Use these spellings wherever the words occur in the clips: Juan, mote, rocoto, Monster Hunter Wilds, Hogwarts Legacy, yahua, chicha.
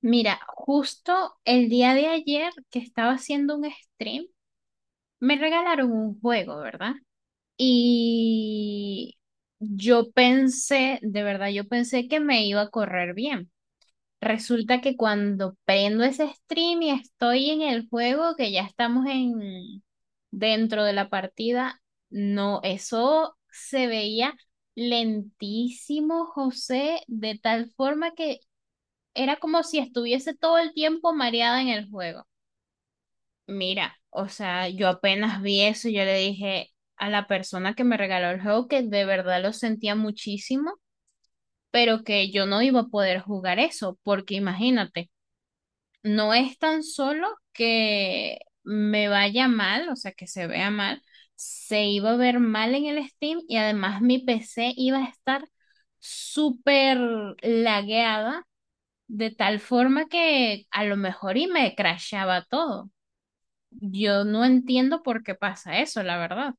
Mira, justo el día de ayer que estaba haciendo un stream, me regalaron un juego, ¿verdad? Y yo pensé, de verdad, yo pensé que me iba a correr bien. Resulta que cuando prendo ese stream y estoy en el juego, que ya estamos en dentro de la partida, no, eso se veía lentísimo, José, de tal forma que era como si estuviese todo el tiempo mareada en el juego. Mira, o sea, yo apenas vi eso, yo le dije a la persona que me regaló el juego que de verdad lo sentía muchísimo, pero que yo no iba a poder jugar eso, porque imagínate, no es tan solo que me vaya mal, o sea, que se vea mal, se iba a ver mal en el Steam y además mi PC iba a estar súper lagueada de tal forma que a lo mejor y me crashaba todo. Yo no entiendo por qué pasa eso, la verdad.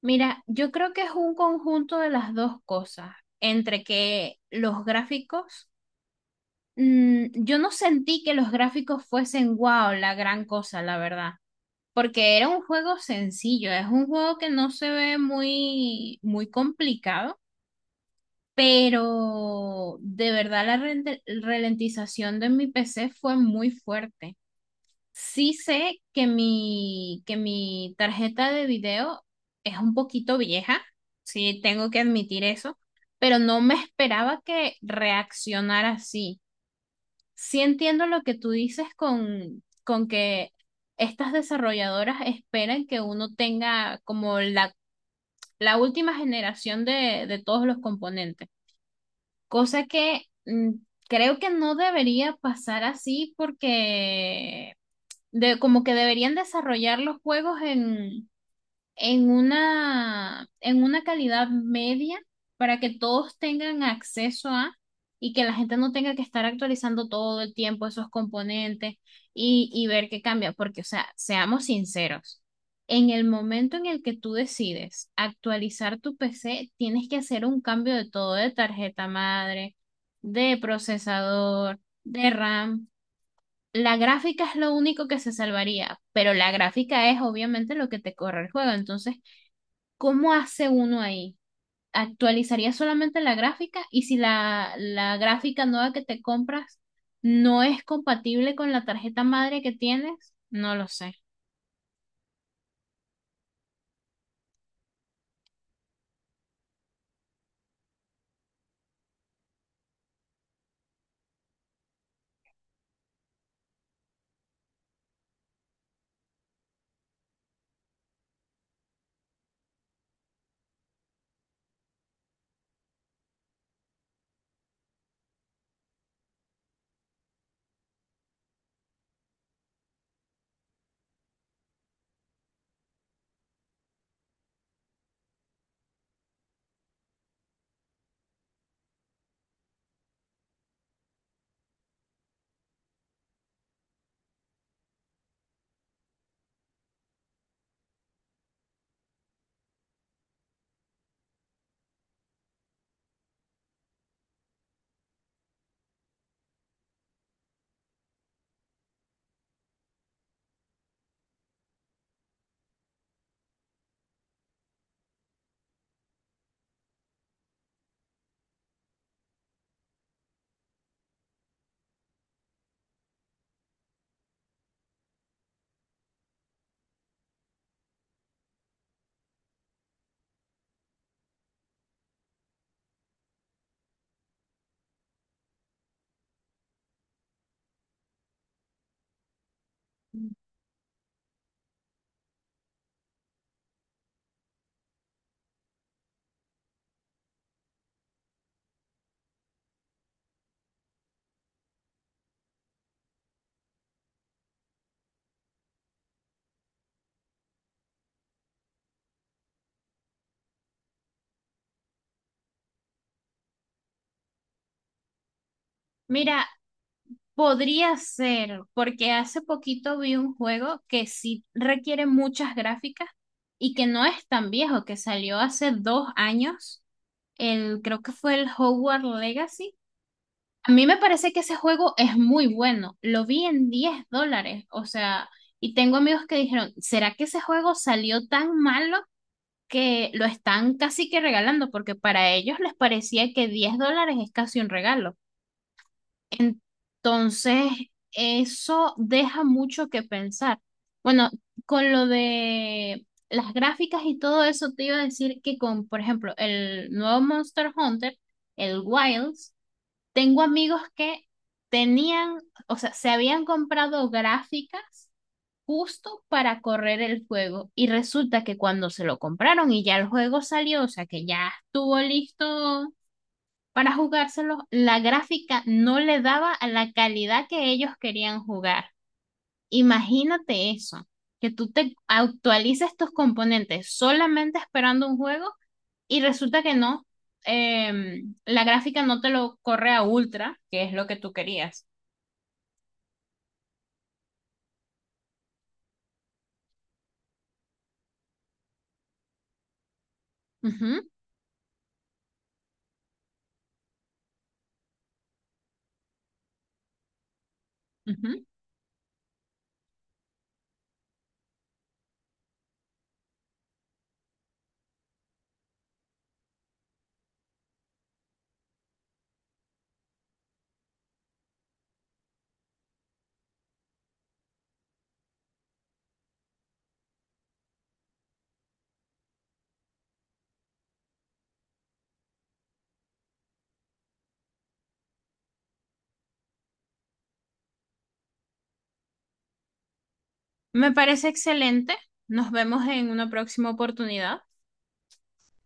Mira, yo creo que es un conjunto de las dos cosas, entre que los gráficos, yo no sentí que los gráficos fuesen wow, la gran cosa, la verdad, porque era un juego sencillo, es un juego que no se ve muy, muy complicado, pero de verdad la ralentización de mi PC fue muy fuerte. Sí sé que mi tarjeta de video es un poquito vieja, sí tengo que admitir eso, pero no me esperaba que reaccionara así. Sí entiendo lo que tú dices con que estas desarrolladoras esperan que uno tenga como la última generación de todos los componentes, cosa que creo que no debería pasar así porque de como que deberían desarrollar los juegos en una calidad media para que todos tengan acceso a y que la gente no tenga que estar actualizando todo el tiempo esos componentes y ver qué cambia, porque, o sea, seamos sinceros. En el momento en el que tú decides actualizar tu PC, tienes que hacer un cambio de todo, de tarjeta madre, de procesador, de RAM, la gráfica es lo único que se salvaría, pero la gráfica es obviamente lo que te corre el juego. Entonces, ¿cómo hace uno ahí? ¿Actualizaría solamente la gráfica? Y si la gráfica nueva que te compras no es compatible con la tarjeta madre que tienes, no lo sé. Mira, podría ser, porque hace poquito vi un juego que sí requiere muchas gráficas y que no es tan viejo, que salió hace 2 años. El, creo que fue el Hogwarts Legacy. A mí me parece que ese juego es muy bueno. Lo vi en $10, o sea, y tengo amigos que dijeron, ¿será que ese juego salió tan malo que lo están casi que regalando? Porque para ellos les parecía que $10 es casi un regalo. Entonces, eso deja mucho que pensar. Bueno, con lo de las gráficas y todo eso, te iba a decir que con, por ejemplo, el nuevo Monster Hunter, el Wilds, tengo amigos que tenían, o sea, se habían comprado gráficas justo para correr el juego y resulta que cuando se lo compraron y ya el juego salió, o sea, que ya estuvo listo para jugárselo, la gráfica no le daba a la calidad que ellos querían jugar. Imagínate eso, que tú te actualices tus componentes solamente esperando un juego y resulta que no, la gráfica no te lo corre a ultra, que es lo que tú querías. Ujú, ujú. Me parece excelente. Nos vemos en una próxima oportunidad.